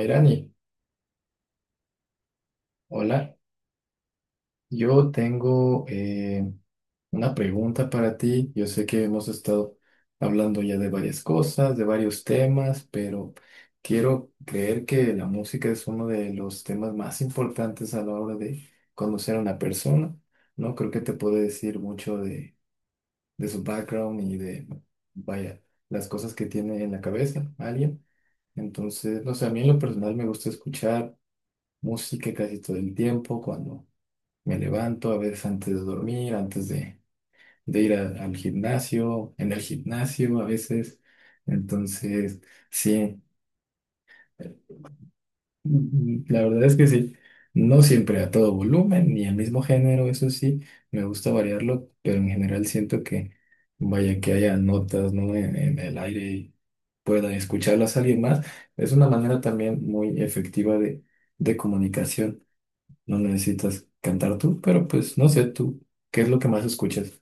Irani, hola. Yo tengo una pregunta para ti. Yo sé que hemos estado hablando ya de varias cosas, de varios temas, pero quiero creer que la música es uno de los temas más importantes a la hora de conocer a una persona, ¿no? Creo que te puede decir mucho de su background y de, vaya, las cosas que tiene en la cabeza alguien. Entonces, no sé, a mí en lo personal me gusta escuchar música casi todo el tiempo cuando me levanto, a veces antes de dormir, antes de ir al gimnasio, en el gimnasio a veces. Entonces, sí, eh, la verdad es que sí. No siempre a todo volumen ni al mismo género, eso sí, me gusta variarlo, pero en general siento que, vaya, que haya notas, ¿no?, en el aire y pueda escucharlas a alguien más. Es una manera también muy efectiva de comunicación. No necesitas cantar tú, pero pues no sé tú, ¿qué es lo que más escuchas?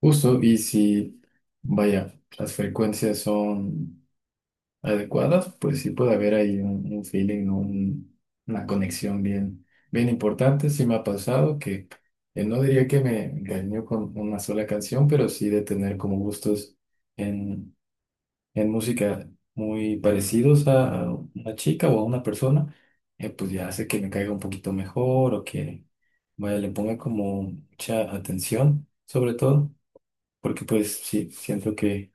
Justo, y si, vaya, las frecuencias son adecuadas, pues sí puede haber ahí un feeling, ¿no?, una conexión bien, bien importante. Sí me ha pasado que no diría que me engañó con una sola canción, pero sí de tener como gustos en música muy parecidos a una chica o a una persona. Pues ya hace que me caiga un poquito mejor o que, vaya, le ponga como mucha atención, sobre todo porque pues sí, siento que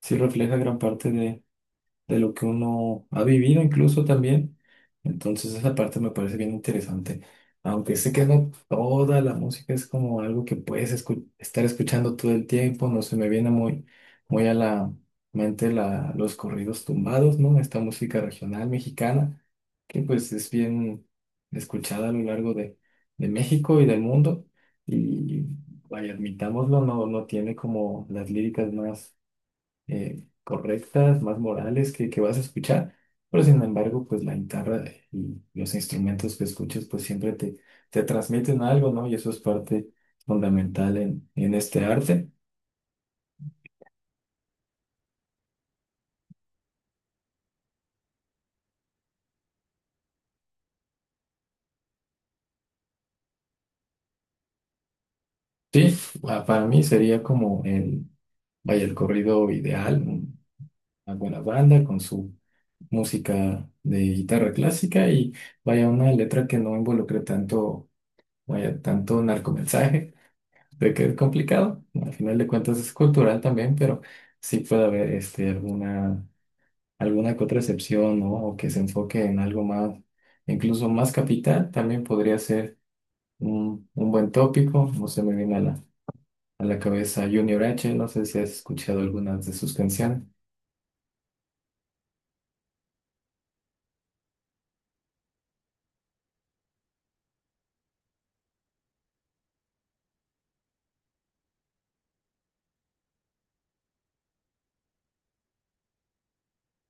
sí refleja gran parte de lo que uno ha vivido incluso también. Entonces esa parte me parece bien interesante. Aunque sé que no toda la música es como algo que puedes estar escuchando todo el tiempo, no se me viene muy, muy a la mente la, los corridos tumbados, ¿no? Esta música regional mexicana, que pues es bien escuchada a lo largo de México y del mundo. Y, vaya, admitámoslo, no tiene como las líricas más correctas, más morales que vas a escuchar, pero sin embargo, pues la guitarra y los instrumentos que escuches, pues siempre te, te transmiten algo, ¿no? Y eso es parte fundamental en este arte. Sí, para mí sería como el, vaya, el corrido ideal, una buena banda con su música de guitarra clásica y, vaya, una letra que no involucre tanto, vaya, tanto narcomensaje, de que es complicado. Al final de cuentas es cultural también, pero sí puede haber alguna, alguna que otra excepción, ¿no? O que se enfoque en algo más, incluso más capital, también podría ser un buen tópico. No se me viene a la cabeza Junior H, no sé si has escuchado algunas de sus canciones.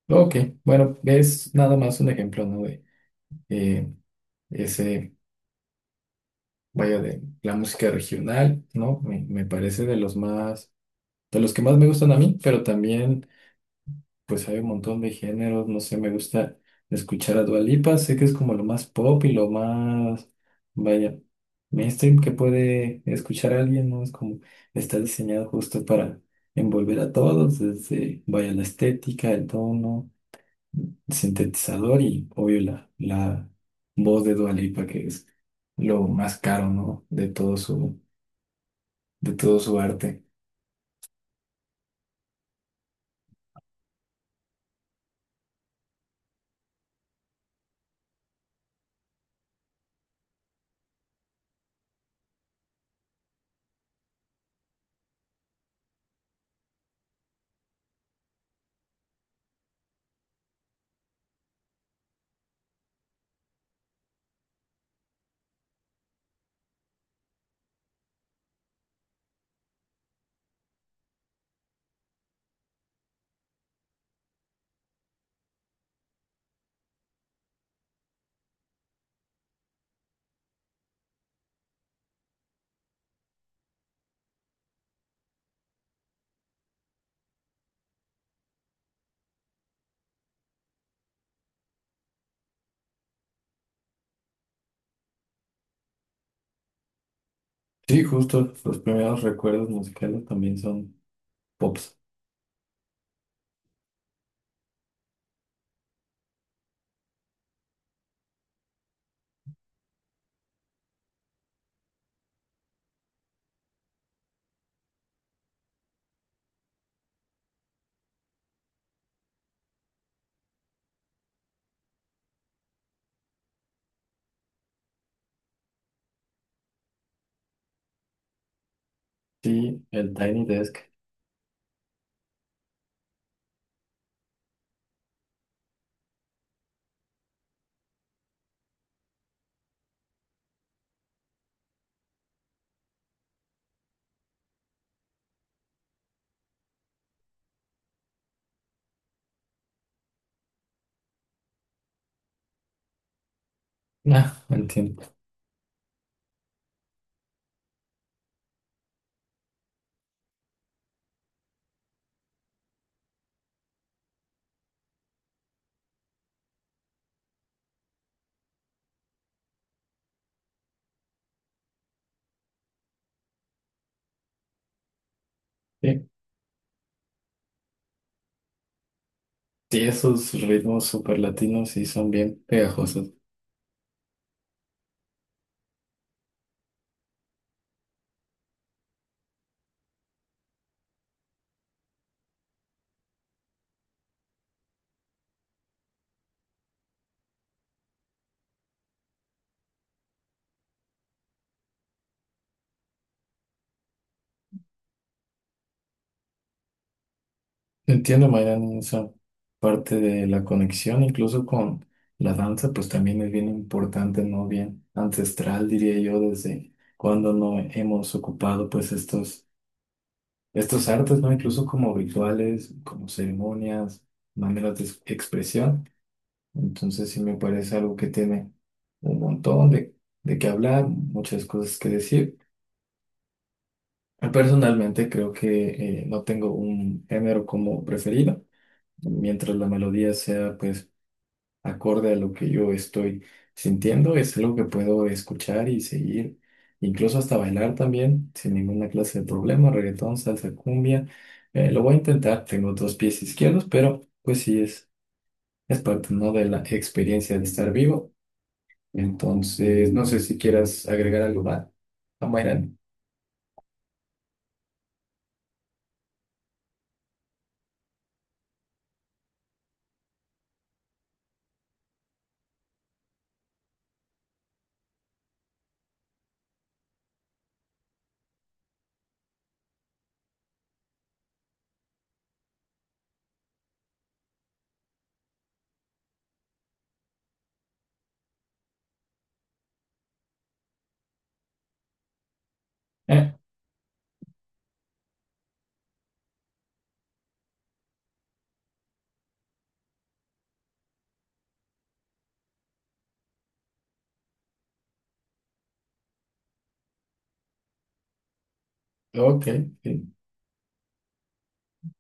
Ok, bueno, es nada más un ejemplo, ¿no? De eh, ese, vaya, de la música regional, ¿no? Me parece de los más, de los que más me gustan a mí, pero también pues hay un montón de géneros, no sé, me gusta escuchar a Dua Lipa, sé que es como lo más pop y lo más, vaya, mainstream que puede escuchar alguien, ¿no? Es como, está diseñado justo para envolver a todos, desde, vaya, la estética, el tono, el sintetizador y, obvio, la voz de Dua Lipa, que es lo más caro, ¿no?, de todo su, de todo su arte. Sí, justo, los primeros recuerdos musicales también son pops. Sí, el Tiny Desk. Ah, entiendo. Sí, sí, esos ritmos super latinos sí son bien pegajosos. Entiendo, Mayran, esa parte de la conexión, incluso con la danza, pues también es bien importante, ¿no? Bien ancestral, diría yo, desde cuando no hemos ocupado, pues, estos, estos artes, ¿no? Incluso como rituales, como ceremonias, maneras de expresión. Entonces, sí me parece algo que tiene un montón de qué hablar, muchas cosas que decir. Personalmente creo que, no tengo un género como preferido. Mientras la melodía sea pues acorde a lo que yo estoy sintiendo, es algo que puedo escuchar y seguir, incluso hasta bailar también, sin ninguna clase de problema, reggaetón, salsa, cumbia. Lo voy a intentar, tengo dos pies izquierdos, pero pues sí es parte, ¿no?, de la experiencia de estar vivo. Entonces, no sé si quieras agregar algo más, Mayran. Eh, ok, sí.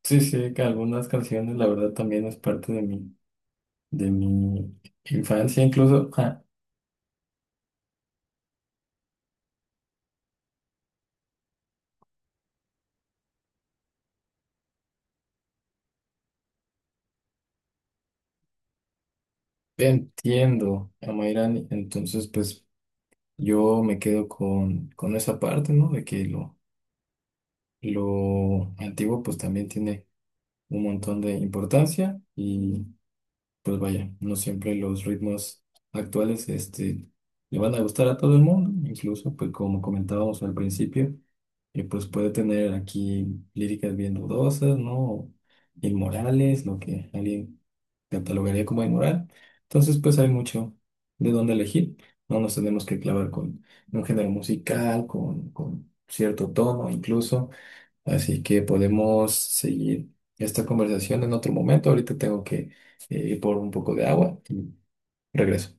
Sí, sí, que algunas canciones, la verdad, también es parte de mi infancia, incluso, ah, entiendo a Mayrani, entonces pues yo me quedo con esa parte, ¿no? De que lo antiguo pues también tiene un montón de importancia, pues vaya, no siempre los ritmos actuales le van a gustar a todo el mundo, incluso pues como comentábamos al principio, pues puede tener aquí líricas bien dudosas, ¿no? Inmorales, lo que alguien catalogaría como inmoral. Entonces pues hay mucho de dónde elegir, no nos tenemos que clavar con un género musical, con cierto tono incluso. Así que podemos seguir esta conversación en otro momento. Ahorita tengo que ir por un poco de agua y regreso.